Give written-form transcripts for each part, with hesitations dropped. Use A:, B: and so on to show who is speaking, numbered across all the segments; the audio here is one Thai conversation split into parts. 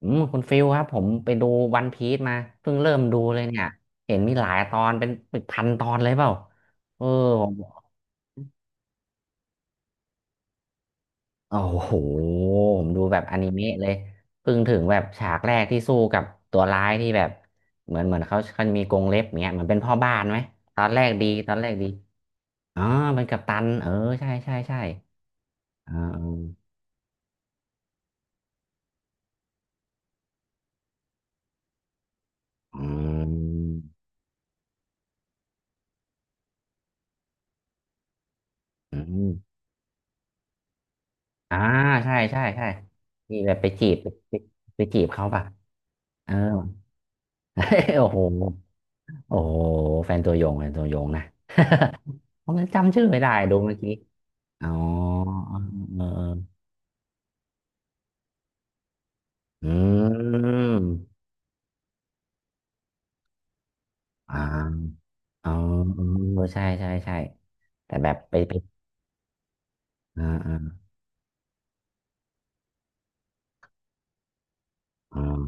A: อืมคุณฟิลครับผมไปดูวันพีซมาเพิ่งเริ่มดูเลยเนี่ยเห็นมีหลายตอนเป็นพันตอนเลยเปล่าเออผมโอ้โหผมดูแบบอนิเมะเลยเพิ่งถึงแบบฉากแรกที่สู้กับตัวร้ายที่แบบเหมือนเขามีกรงเล็บเงี้ยเหมือนเป็นพ่อบ้านไหมตอนแรกดีตอนแรกดีอ๋อเป็นกัปตันเออใช่ใช่ใช่อ่าอืมอืมอ่าใช่ใช่ใช่ที่แบบไปจีบไปไปจีบเขาป่ะเออ โอ้โหโอ้โหแฟนตัวยงแฟนตัวยงนะ ผมจำชื่อไม่ได้ดูเมื่อกี้อ๋อเออเอออืมอ่าอ๋อเออใช่ใช่ใช่แต่แบบไปอ่าอ่าอ่า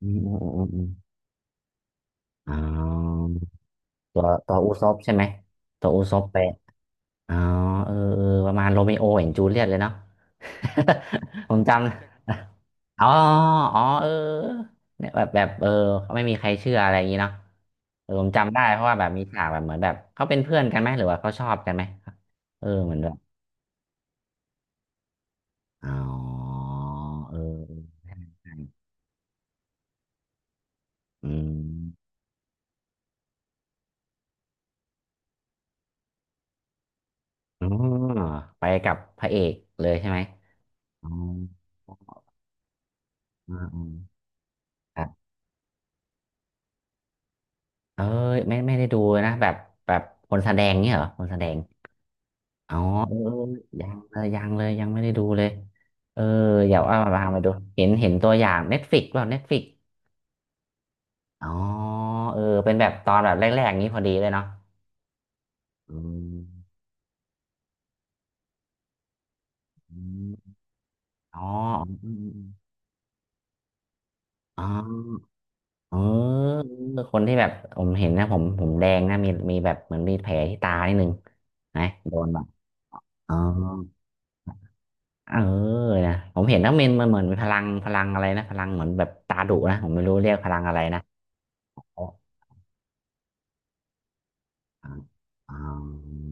A: อืมอืมอืมอืมอ๋อตัวตัวอุซบใช่ไหมตัวอูซบไปอ๋อเออเออประมาณโรมิโอแอนด์จูเลียตเลยเนาะ ผมจำ อ๋ออ๋อเออเนี่ยแบบแบบเออเขาไม่มีใครเชื่ออะไรอย่างนี้เนาะเออผมจำได้เพราะว่าแบบมีฉากแบบเหมือนแบบเขาเป็นเพื่อนกันไหมหรือว่าเขาชอบกันไหมเออเหมือนแบบอ๋อเออใช่ใช่อืมอ๋อไปกับพระเอกเลยใช่ไหมอ๋ออ๋ออ๋อครับเอ้ยไม่ไม่ได้ดูเลยนะแบบแบบคนแสดงเนี่ยเหรอคนแสดง อ๋อเออเออยังเลยยังเลยยังไม่ได้ดูเลยเออเดี๋ยวเอาตามมาดูเห็นเห็นตัวอย่างเน็ตฟ i ิกเปล่าเน็ตฟ i ิกอ๋อเออเป็นแบบตอนแบบแรกๆอย่างนี้พอดีเลยเนาะอืมอมอ๋ออืมอ๋อเออเออคนที่แบบผมเห็นนะผมผมแดงนะมีแบบเหมือนมีแผลที่ตานิดนึงนะโดนแบบอ๋อเออนะผมเห็นนักเมนมันเหมือนมีพลังพลังอะไรนะพลังเหมือนแบบตาดุนะผมไม่รู้เรียกพลังอะไรนะ อ่าอ่า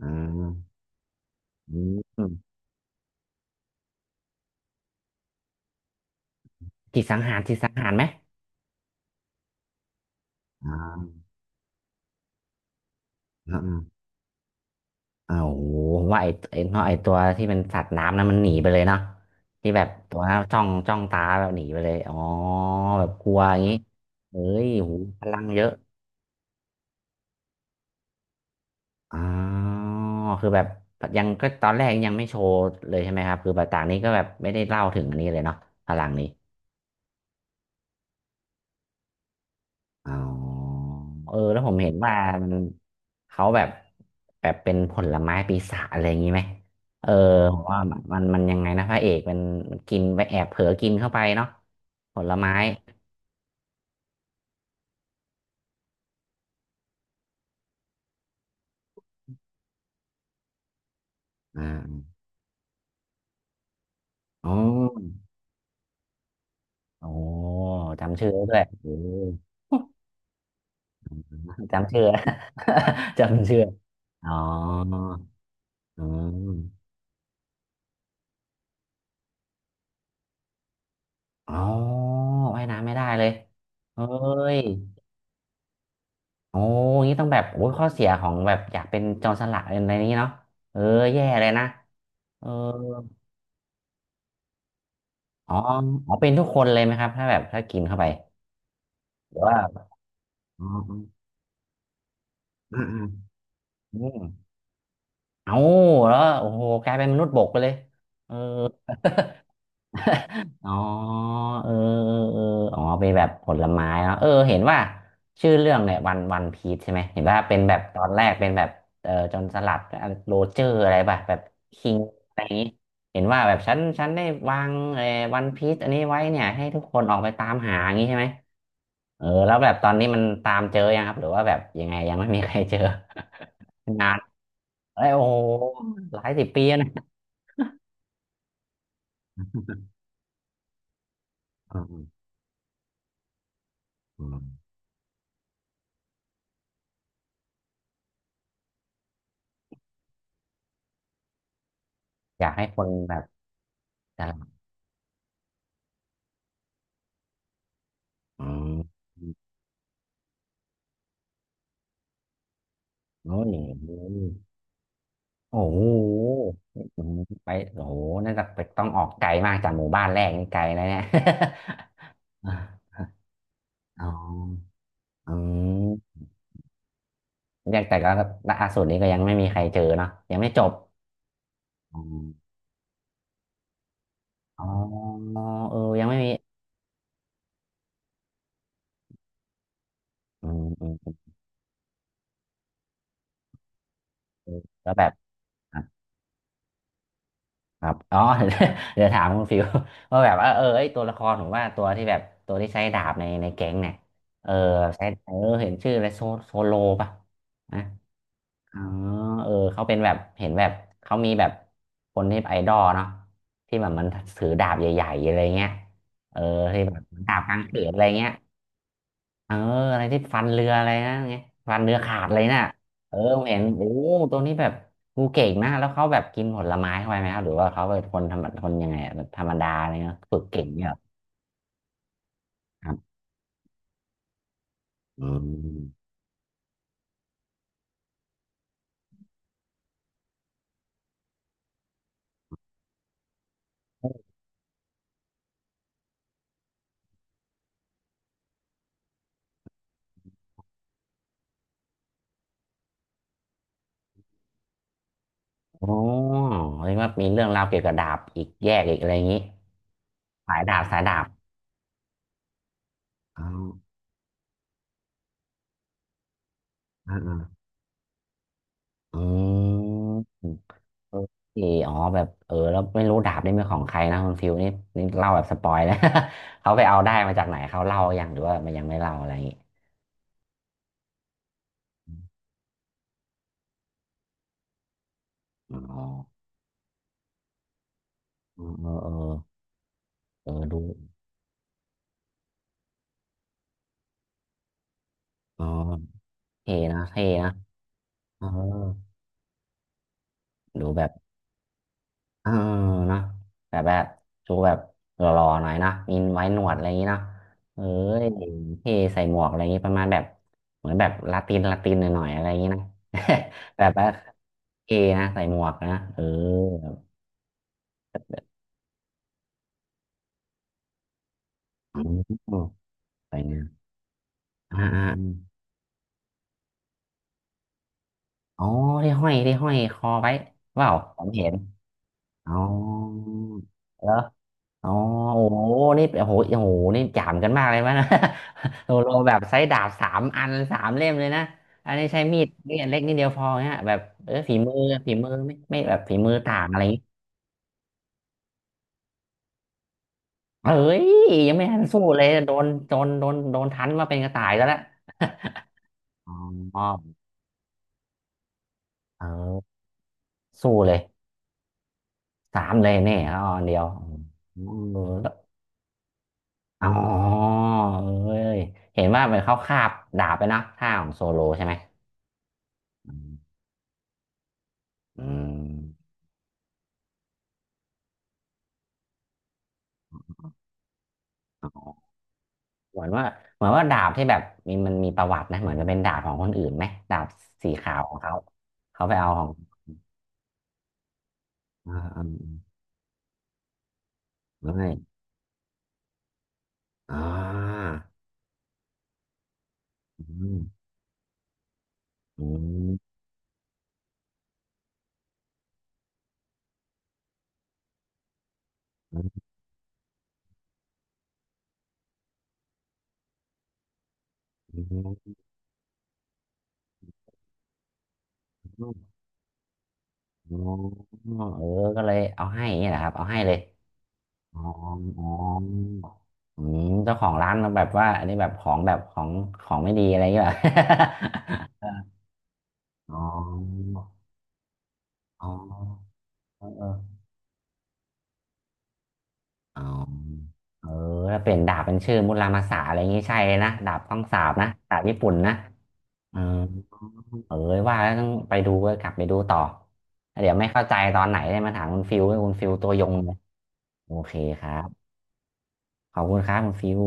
A: อ่าอืมจิตสังหารจิตสังหารไหมอ่าอ่าอ่าโอ้โหผมว่าไอ้เนาะไอ้ตัวที่เป็นสัตว์น้ำนั้นมันหนีไปเลยเนาะที่แบบตัวนั้นจ้องจ้องตาแบบหนีไปเลยอ๋อแบบกลัวอย่างนี้เฮ้ยโหูพลังเยอะอ๋อคือแบบยังก็ตอนแรกยังไม่โชว์เลยใช่ไหมครับคือแบบต่างนี้ก็แบบไม่ได้เล่าถึงอันนี้เลยเนาะพลังนี้ อ๋อเออแล้วผมเห็นว่ามันเขาแบบแบบเป็นผลไม้ปีศาจอะไรอย่างนี้ไหมเออผมว่ามันยังไงนะพระเอกมันมันกินไปแอบเผลอกินเข้าไปเนาะผลไม้อ่าอ๋อโอ้จำชื่อได้ด้วยโอ้ จำชื่อ จำชื่ออ๋ออืมอ๋อว่ายน้ำไม่ได้เลยเฮ้ย โอ้งี้ต้องแบบโอ้ยข้อเสียของแบบอยากเป็นโจรสลัดอะไรนี้เนาะเออแย่เลยนะเอออ๋ออ๋อเป็นทุกคนเลยไหมครับถ้าแบบถ้ากินเข้าไปหรือว่าอ๋ออืมอืมอืมเอาแล้วโอ้โหกลายเป็นมนุษย์บกไปเลยเออ อ๋อเออเออเอออ๋อเป็นแบบผลไม้เนาะเออเห็นว่าชื่อเรื่องเนี่ยวันพีชใช่ไหมเห็นว่าเป็นแบบตอนแรกเป็นแบบเออจนสลัดโรเจอร์อะไรป่ะแบบคิงอะไรอย่างนี้เห็นว่าแบบฉันได้วางเออวันพีชอันนี้ไว้เนี่ยให้ทุกคนออกไปตามหาอย่างนี้ใช่ไหมเออแล้วแบบตอนนี้มันตามเจอยังครับหรือว่าแบบยังไงยังไม่มีใครเจอนานเอ้ยโอ้โหหลายสิบปีแล้วนะอืมอืมอยากให้คนแบบอืม โอ้ยโอ้โหไปโอ้โหน่าจะไปต้องออกไกลมากจากหมู่บ้านแรกนี่ไกลนะเนี่ย อ๋ออืมเรียกแต่ก็ล่าสุดนี้ก็ยังไม่มีใครเจอเนาะยังไม่จบอมอ๋อเออยังไม่มีอืมอืมอืมแล้วแบบอ่ะครับอ๋อ เดี๋ยวถามคุณฟิว ว่าแบบว่าเออไอยตัวละครผมว่าตัวที่แบบตัวที่ใช้ดาบในในแก๊งเนี่ยเออใช้เออเห็นชื่ออะไรโซโซโลป่ะนะ อ๋อเออ เขาเป็นแบบเห็นแบบเขามีแบบคนที่ไอดอลเนาะที่แบบมันถือดาบใหญ่ๆอะไรเงี้ยเออที่แบบเนดาบกลางเขนอะไรเงี้ย เอออะไรที่ฟันเรืออะไรนะเงี้ยฟันเรือขาดเลยน่ะเออผมเห็นโอ้ตัวนี้แบบงูเก่งนะแล้วเขาแบบกินผลไม้เข้าไปไหมครับหรือว่าเขาเป็นคนธรรมดาคนยังไงอะแบบธรรมดาอะไรเงี้ยฝึกเก่งเนี่ยเหรอครับอืมอ๋อเรียกว่ามีเรื่องราวเกี่ยวกับดาบอีกแยกอีกอะไรอย่างนี้สายดาบสายดาบอ๋อ อ่าๆอืมโอเคอ๋อแบบเออแล้วไม่รู้ดาบนี่เป็นของใครนะคุณฟิวนี่นี่เล่าแบบสปอยนะ เขาไปเอาได้มาจากไหนเขาเล่าอยังหรือว่ามันยังไม่เล่าอะไรอย่างงี้อ๋อเออเออดูอ๋อเท่นะเออดูแบบ เออนะแต่แบบชูแบบหล่อๆหน่อยนะมีไว้หนวดอะไรอย่างนี้นะเอ้ยเท่ใส่หมวกอะไรอย่างนี้ประมาณแบบเหมือนแบบลาตินหน่อยๆอะไรอย่างนี้นะ แบบว่าเท่นะใส่หมวกนะเอออ๋อใส่เงี้ยอ่าอ๋อที่ห้อยคอไว้เปล่าผมเห็นอ๋อแล้ว อ๋อโอ้โหนี่โอ้โหโอ้โห นี่จามกันมากเลยมั้ยนะ โลโลแบบใช้ดาบสามอันสามเล่มเลยนะอันนี้ใช้มีดนี่อันเล็กนิดเดียวพอเนี่ยแบบเออฝีมือไม่แบบฝีมือต่างอะไรอย่างงี้เฮ้ยยังไม่ทันสู้เลยโดนทันว่าเป็นกระต่ายแล้วละ อ๋อเออสู้เลยสามเลยเนี่ยอออันเดียวอืมเออแล้วอ๋อเอ้ยเห็นว่าเหมือนเขาคาบดาบไปนะท่าของโซโลใช่ไหมอืม อ๋อเหมือนว่าเหมือนว่าดาบที่แบบมีมันมีประวัตินะเหมือนจะเป็นดาบของคนอื่นไหมดาบสีขาวของเขาเขาไปเอาของอ่าอืมอืมแล้อ่าอืมอืมอืมอืมอ๋อเออก็เลยเอาให้อย่างเี้แหละครับเอาให้เลยอ๋ออ๋ออืมเจ้าของร้านแบบว่าอันนี้แบบของของไม่ดีอะไรอย่างเงี้ย เหรอ อ๋ออ๋อเออ อ๋อเออถ้าเปลี่ยนดาบเป็นชื่อมุรามาสะอะไรอย่างงี้ใช่เลยนะดาบต้องสาบนะดาบญี่ปุ่นนะ เออเออว่าแล้วต้องไปดูก็กลับไปดูต่อแล้วเดี๋ยวไม่เข้าใจตอนไหนได้มาถามคุณฟิวให้คุณฟิวตัวยงเลยโอเคครับขอบคุณครับคุณฟิว